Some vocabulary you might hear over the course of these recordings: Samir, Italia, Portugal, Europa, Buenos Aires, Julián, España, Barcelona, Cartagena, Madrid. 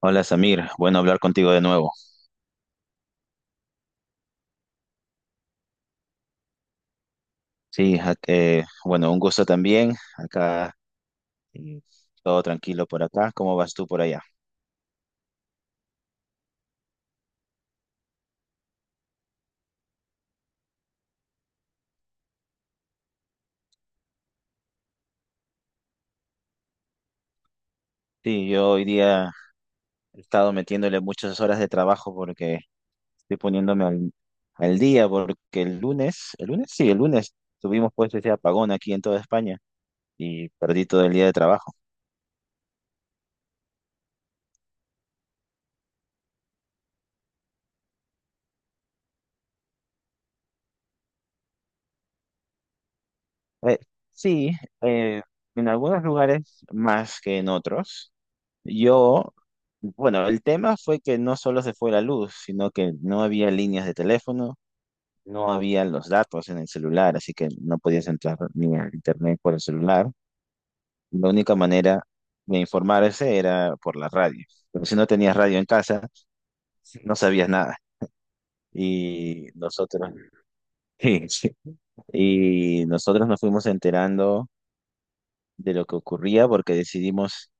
Hola Samir, bueno hablar contigo de nuevo. Sí, bueno, un gusto también. Acá eh, todo tranquilo por acá. ¿Cómo vas tú por allá? Sí, yo hoy día he estado metiéndole muchas horas de trabajo porque estoy poniéndome al día porque el lunes, sí, el lunes tuvimos pues ese apagón aquí en toda España y perdí todo el día de trabajo. Eh, sí. eh, en algunos lugares más que en otros. Yo, bueno, el tema fue que no solo se fue la luz, sino que no había líneas de teléfono, no había los datos en el celular, así que no podías entrar ni a internet por el celular. La única manera de informarse era por la radio. Pero si no tenías radio en casa, no sabías nada. Y nosotros, sí, sí. Y nosotros nos fuimos enterando de lo que ocurría porque decidimos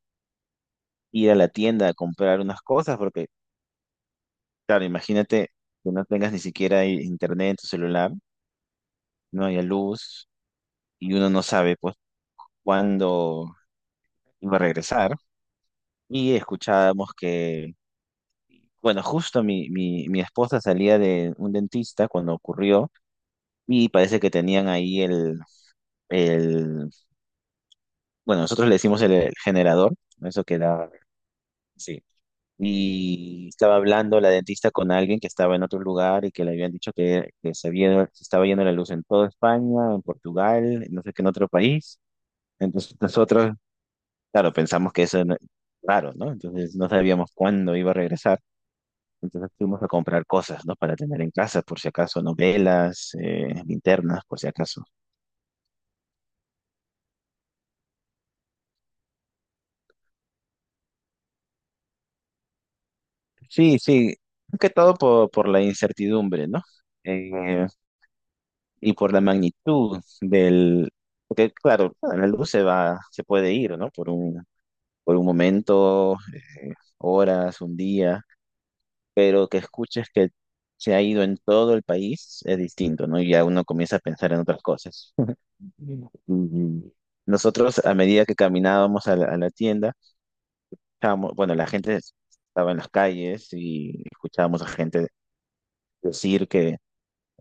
ir a la tienda a comprar unas cosas porque Claro, imagínate que no tengas ni siquiera internet en tu celular, no haya luz y uno no sabe pues cuándo iba a regresar. Y escuchábamos que, bueno, justo mi esposa salía de un dentista cuando ocurrió y parece que tenían ahí el bueno, nosotros le decimos el generador, eso que da. Sí, y estaba hablando la dentista con alguien que estaba en otro lugar y que le habían dicho que se había, se estaba yendo la luz en toda España, en Portugal, en no sé qué, en otro país. Entonces nosotros, claro, pensamos que eso no- raro, ¿no? Entonces no sabíamos cuándo iba a regresar. Entonces fuimos a comprar cosas, ¿no? Para tener en casa, por si acaso, novelas, linternas, por si acaso. Sí, sí, más que todo por la incertidumbre, ¿no? Eh, y por la magnitud porque claro, la luz se va, se puede ir, ¿no? Por un momento, horas, un día, pero que escuches que se ha ido en todo el país es distinto, ¿no? Y ya uno comienza a pensar en otras cosas. Y nosotros, a medida que caminábamos a la tienda, bueno, la gente estaba en las calles y escuchábamos a gente decir que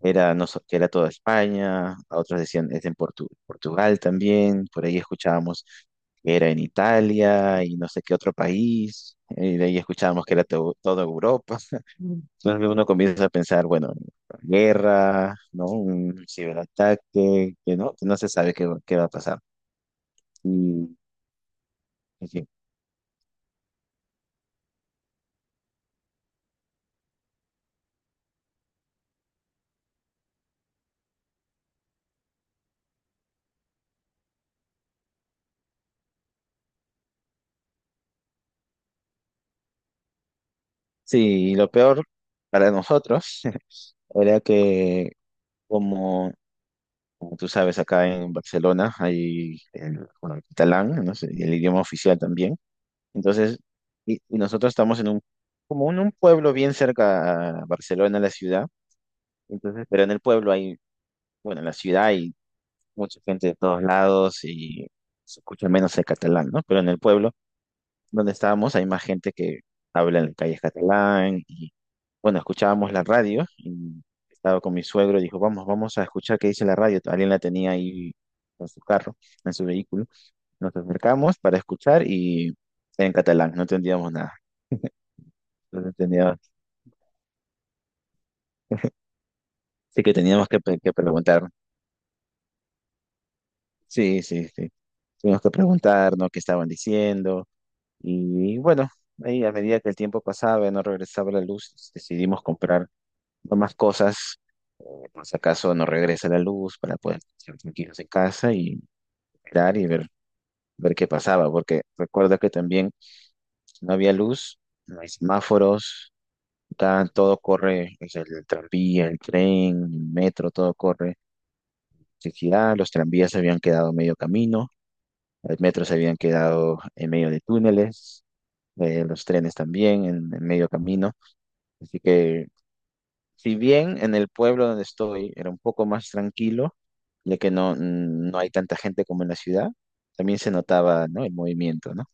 Era, no, so- que era toda España, a otros decían es en Portugal también, por ahí escuchábamos que era en Italia y no sé qué otro país, y de ahí escuchábamos que era toda Europa. Entonces uno comienza a pensar, bueno, guerra, ¿no? Un ciberataque, que no se sabe qué va a pasar. Y, en fin. Sí, y lo peor para nosotros era que como Como tú sabes, acá en Barcelona hay bueno, el catalán, ¿no? Es el idioma oficial también. Entonces, y nosotros estamos como en un pueblo bien cerca a Barcelona, la ciudad. Entonces, pero en el pueblo hay, bueno, en la ciudad hay mucha gente de todos lados y se escucha menos el catalán, ¿no? Pero en el pueblo donde estábamos hay más gente que habla en la calle catalán y bueno, escuchábamos la radio y estaba con mi suegro y dijo, vamos, vamos a escuchar qué dice la radio. Alguien la tenía ahí en su carro, en su vehículo. Nos acercamos para escuchar y en catalán, no entendíamos nada. Entonces entendía- sí que teníamos que preguntar. Sí, sí, sí. Tuvimos que preguntarnos qué estaban diciendo y bueno, ahí a medida que el tiempo pasaba y no regresaba la luz, decidimos comprar más cosas, eh, por si acaso no regresa la luz para poder estar tranquilos en casa y esperar y ver qué pasaba, porque recuerda que también no había luz, no hay semáforos, todo corre, o sea, el tranvía, el tren, el metro, todo corre. Electricidad, los tranvías se habían quedado medio camino, los metros se habían quedado en medio de túneles, los trenes también en medio camino. Así que si bien en el pueblo donde estoy era un poco más tranquilo, ya que no hay tanta gente como en la ciudad, también se notaba, ¿no? El movimiento, ¿no?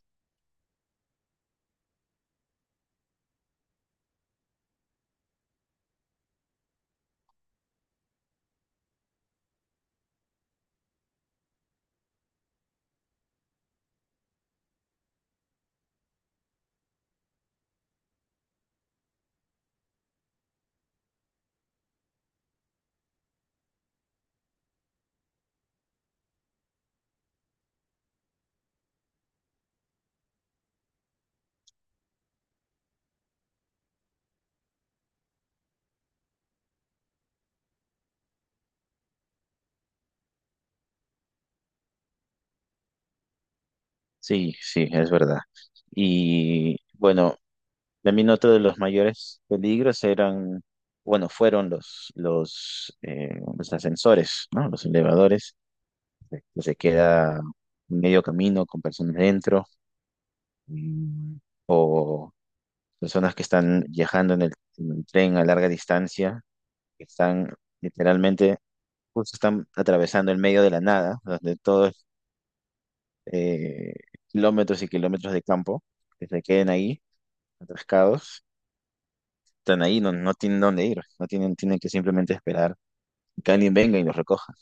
Sí, sí, es verdad. Y bueno, también otro de los mayores peligros eran, bueno, fueron los ascensores, ¿no? Los elevadores, que se queda medio camino con personas dentro, mm, o personas que están viajando en el tren a larga distancia que están literalmente, justo están atravesando el medio de la nada, donde todos eh, kilómetros y kilómetros de campo que se queden ahí, atascados, están ahí, no tienen dónde ir, no tienen, tienen que simplemente esperar que alguien venga y los recoja.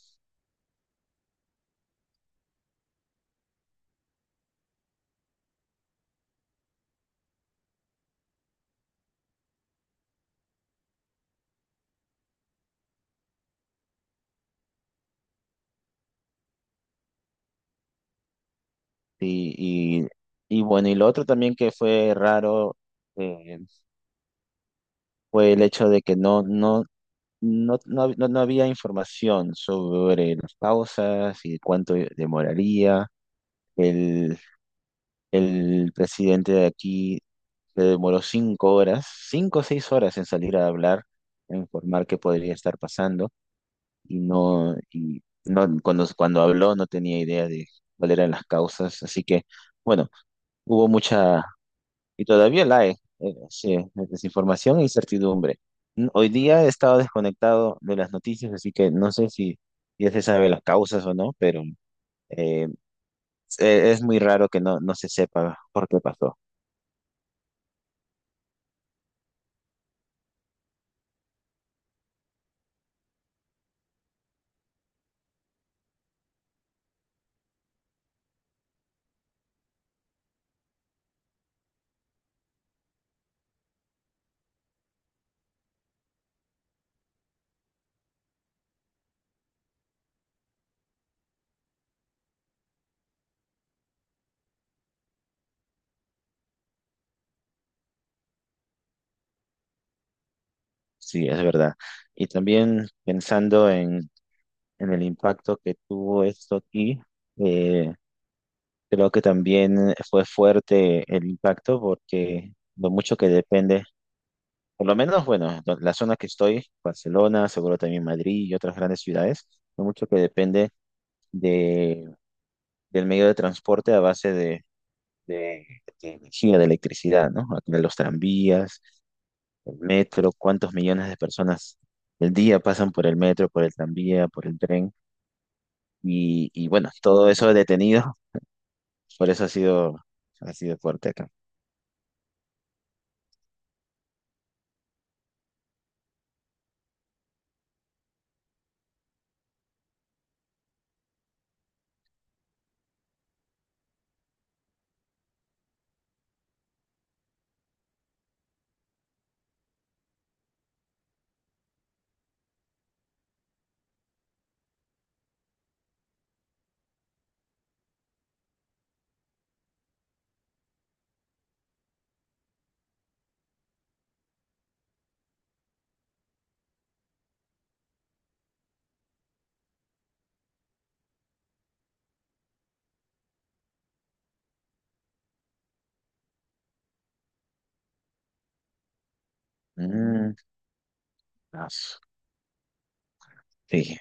Y, y bueno, y lo otro también que fue raro, eh, fue el hecho de que no había información sobre las pausas y cuánto demoraría. El presidente de aquí se demoró 5 horas, 5 o 6 horas en salir a hablar, a informar qué podría estar pasando y cuando habló no tenía idea de cuáles eran las causas, así que bueno, hubo mucha, y todavía la hay, sí, desinformación e incertidumbre. Hoy día he estado desconectado de las noticias, así que no sé si ya se sabe las causas o no, pero eh, es muy raro que no se sepa por qué pasó. Sí, es verdad. Y también pensando en el impacto que tuvo esto aquí, eh, creo que también fue fuerte el impacto porque lo mucho que depende, por lo menos, bueno, la zona que estoy, Barcelona, seguro también Madrid y otras grandes ciudades, lo mucho que depende de, del medio de transporte a base de, de energía, de electricidad, ¿no? Aquí los tranvías, el metro, cuántos millones de personas el día pasan por el metro, por el tranvía, por el tren. Y bueno, todo eso detenido, por eso ha sido fuerte acá. Mm, as- sí,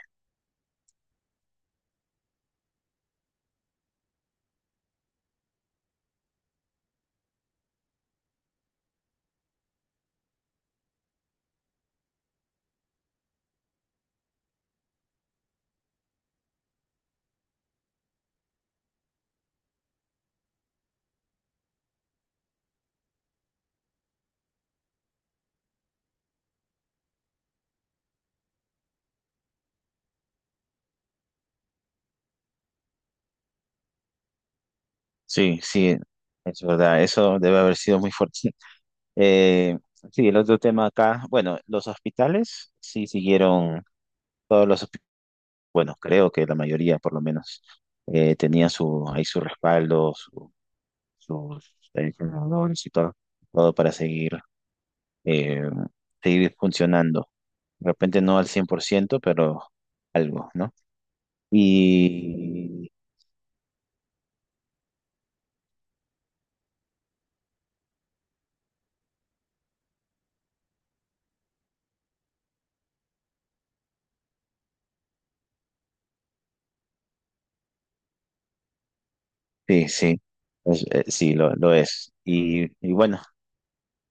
sí, sí, es verdad, eso debe haber sido muy fuerte. Eh, sí, el otro tema acá, bueno, los hospitales sí siguieron, todos los, hospi- bueno, creo que la mayoría por lo menos tenía ahí su respaldo, sus adicionadores y todo, todo para eh, seguir funcionando. De repente no al 100% pero algo, ¿no? Y sí, sí, sí, lo es. Y bueno,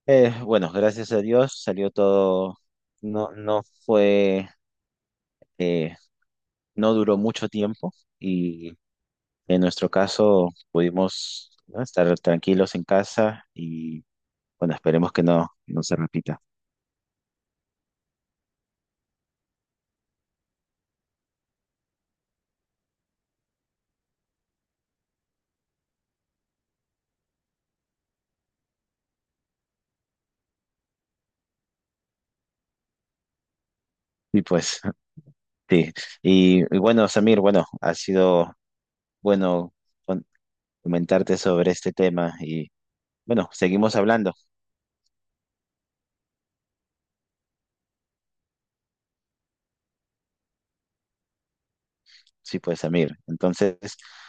bueno, gracias a Dios salió todo, no fue, eh, no duró mucho tiempo y en nuestro caso pudimos, ¿no?, estar tranquilos en casa y bueno, esperemos que no se repita. Y pues, sí. Y bueno, Samir, bueno, ha sido bueno con- comentarte sobre este tema y bueno, seguimos hablando. Sí, pues, Amir. Entonces,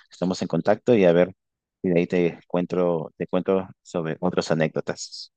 estamos en contacto y a ver si de ahí te cuento, sobre otras anécdotas.